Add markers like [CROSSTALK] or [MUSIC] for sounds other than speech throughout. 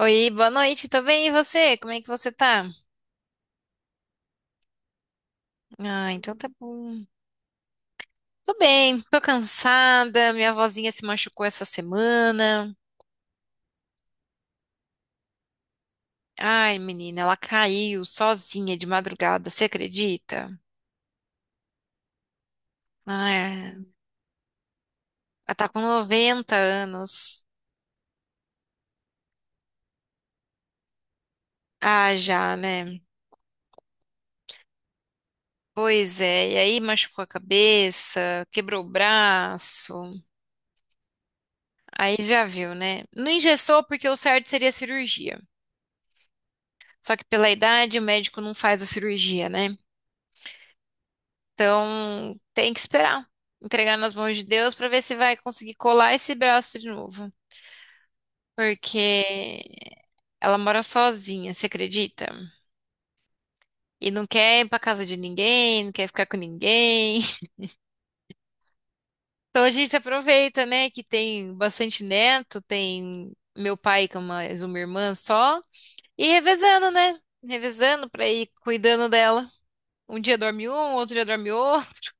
Oi, boa noite, tô bem, e você? Como é que você tá? Ah, então tá bom. Tô bem, tô cansada, minha vozinha se machucou essa semana. Ai, menina, ela caiu sozinha de madrugada, você acredita? Ah, é. Ela tá com 90 anos. Ah, já, né? Pois é, e aí machucou a cabeça, quebrou o braço. Aí já viu, né? Não engessou porque o certo seria cirurgia. Só que pela idade, o médico não faz a cirurgia, né? Então, tem que esperar. Entregar nas mãos de Deus para ver se vai conseguir colar esse braço de novo. Porque ela mora sozinha, você acredita? E não quer ir pra casa de ninguém, não quer ficar com ninguém. [LAUGHS] Então a gente aproveita, né, que tem bastante neto, tem meu pai com mais uma irmã só, e revezando, né? Revezando pra ir cuidando dela. Um dia dorme um, outro dia dorme outro.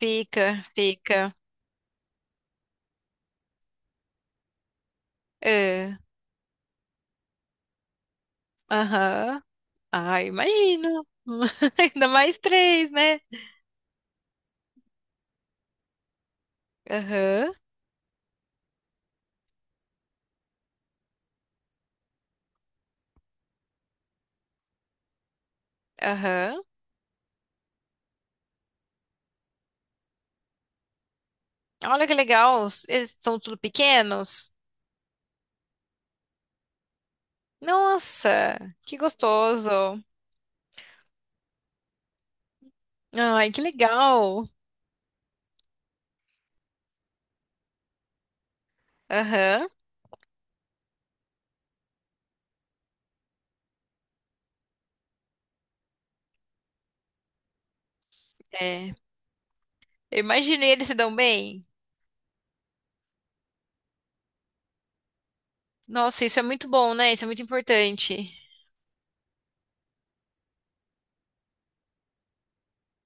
Fica, fica. É. Aham. Ah, imagino. [LAUGHS] Ainda mais três, né? Aham, aham. Olha que legal. Eles são tudo pequenos. Nossa, que gostoso. Ai, que legal. Aham. É. Eu imaginei eles se dão bem. Nossa, isso é muito bom, né? Isso é muito importante.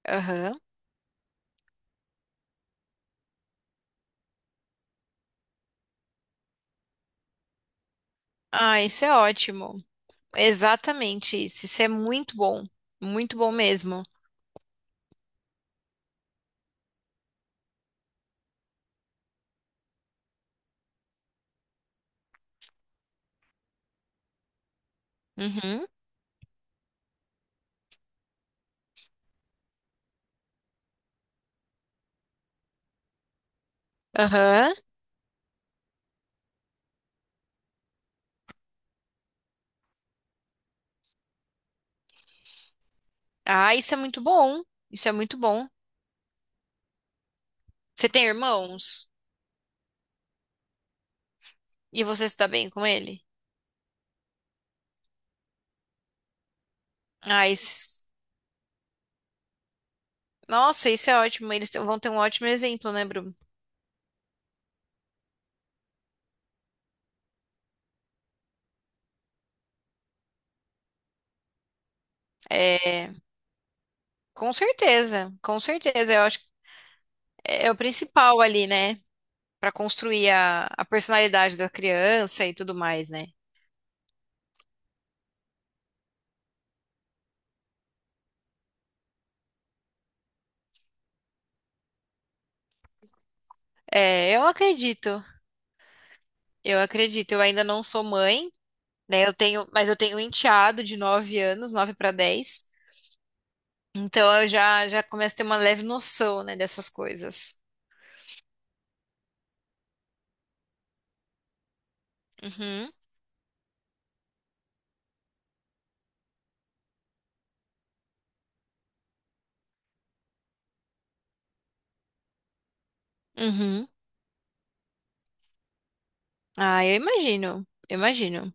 Aham. Ah, isso é ótimo. Exatamente isso. Isso é muito bom. Muito bom mesmo. Uhum. Aham. Ah, isso é muito bom. Isso é muito bom. Você tem irmãos? E você está bem com ele? Ah, isso... Nossa, isso é ótimo. Eles vão ter um ótimo exemplo, né, Bruno? É, com certeza, com certeza. Eu acho que é o principal ali, né? Para construir a personalidade da criança e tudo mais, né? É, eu acredito, eu acredito. Eu ainda não sou mãe, né? Eu tenho, mas eu tenho um enteado de 9 anos, 9 para 10. Então eu já começo a ter uma leve noção, né, dessas coisas. Uhum, uhum. Ah, eu imagino, eu imagino.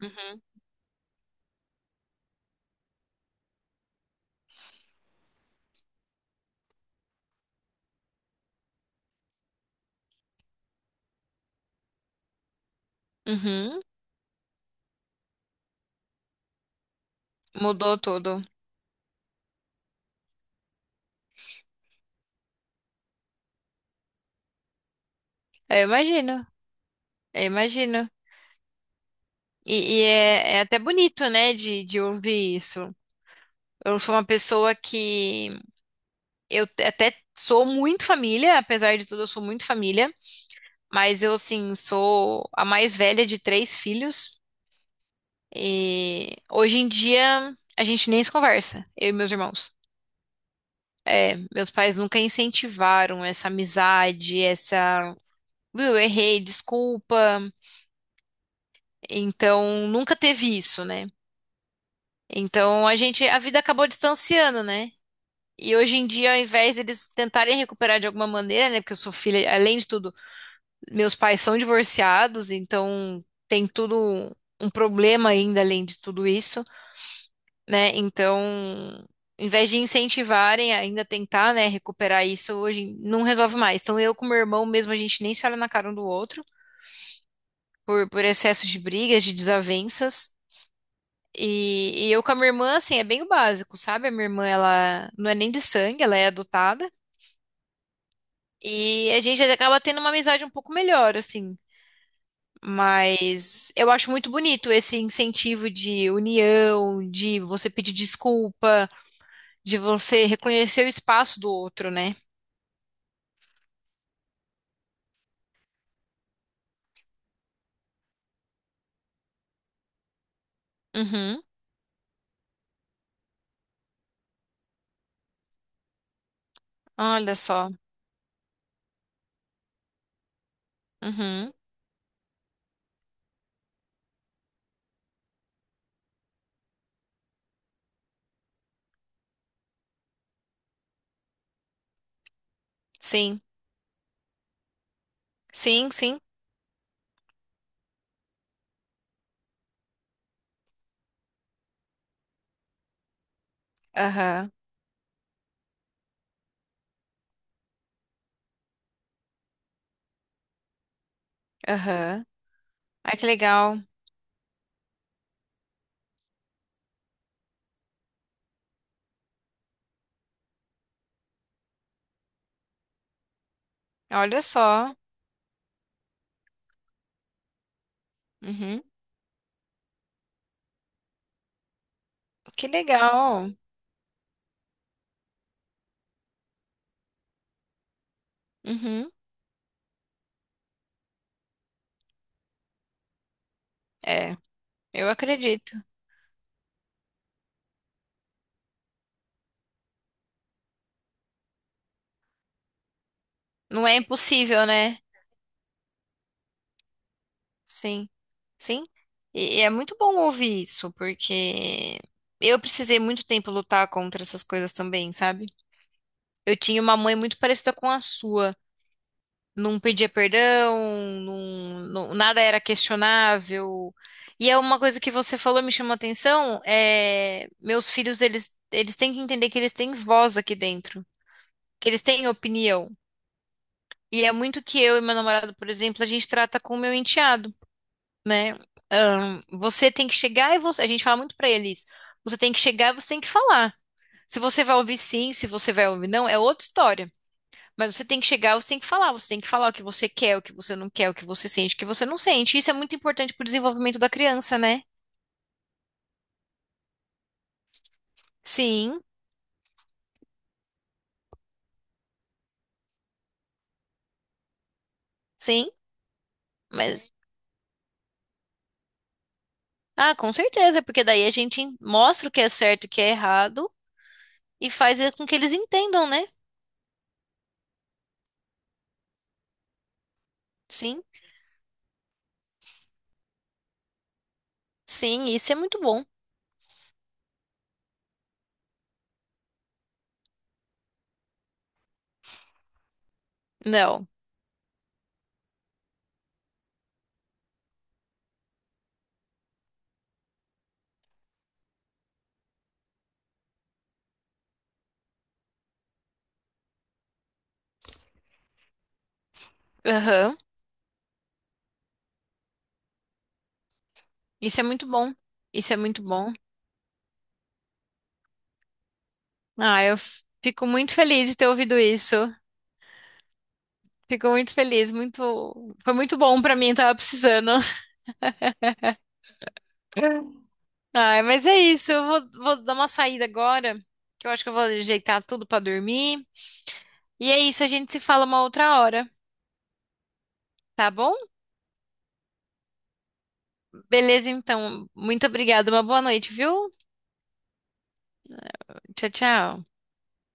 Uhum. Uhum, mudou tudo. Eu imagino, eu imagino. E é até bonito, né, de ouvir isso. Eu sou uma pessoa que até sou muito família, apesar de tudo, eu sou muito família, mas eu, assim, sou a mais velha de três filhos. E hoje em dia a gente nem se conversa, eu e meus irmãos. É. Meus pais nunca incentivaram essa amizade, viu, eu errei, desculpa. Então, nunca teve isso, né? Então a vida acabou distanciando, né? E hoje em dia, ao invés deles tentarem recuperar de alguma maneira, né? Porque eu sou filha, além de tudo, meus pais são divorciados, então tem tudo um problema ainda além de tudo isso, né? Então, ao invés de incentivarem ainda tentar, né, recuperar isso, hoje não resolve mais. Então eu com meu irmão mesmo, a gente nem se olha na cara um do outro por excesso de brigas, de desavenças. E eu com a minha irmã, assim, é bem o básico, sabe? A minha irmã, ela não é nem de sangue, ela é adotada. E a gente acaba tendo uma amizade um pouco melhor, assim. Mas eu acho muito bonito esse incentivo de união, de você pedir desculpa, de você reconhecer o espaço do outro, né? Uhum. Olha só. Uhum. Sim. Sim, sim. Aham. Aham. Ai, que legal. Olha só. Uhum. Que legal. Uhum. É, eu acredito. Não é impossível, né? Sim, sim. E é muito bom ouvir isso, porque eu precisei muito tempo lutar contra essas coisas também, sabe? Eu tinha uma mãe muito parecida com a sua. Não pedia perdão, nada era questionável. E é uma coisa que você falou, me chamou a atenção, é, meus filhos, eles têm que entender que eles têm voz aqui dentro, que eles têm opinião. E é muito que eu e meu namorado, por exemplo, a gente trata com o meu enteado, né? Você tem que chegar e você. A gente fala muito pra eles. Você tem que chegar e você tem que falar. Se você vai ouvir sim, se você vai ouvir não, é outra história. Mas você tem que chegar, você tem que falar, você tem que falar o que você quer, o que você não quer, o que você sente, o que você não sente. Isso é muito importante pro desenvolvimento da criança, né? Sim, sim, mas ah, com certeza, porque daí a gente mostra o que é certo, e o que é errado e faz com que eles entendam, né? Sim, sim, isso é muito bom. Não. Aham. Isso é muito bom. Isso é muito bom. Ah, eu fico muito feliz de ter ouvido isso. Fico muito feliz, muito, foi muito bom pra mim, tava precisando. [LAUGHS] Ah, mas é isso, eu vou dar uma saída agora, que eu acho que eu vou ajeitar tudo pra dormir. E é isso, a gente se fala uma outra hora, tá bom? Beleza, então. Muito obrigada, uma boa noite, viu? Tchau, tchau.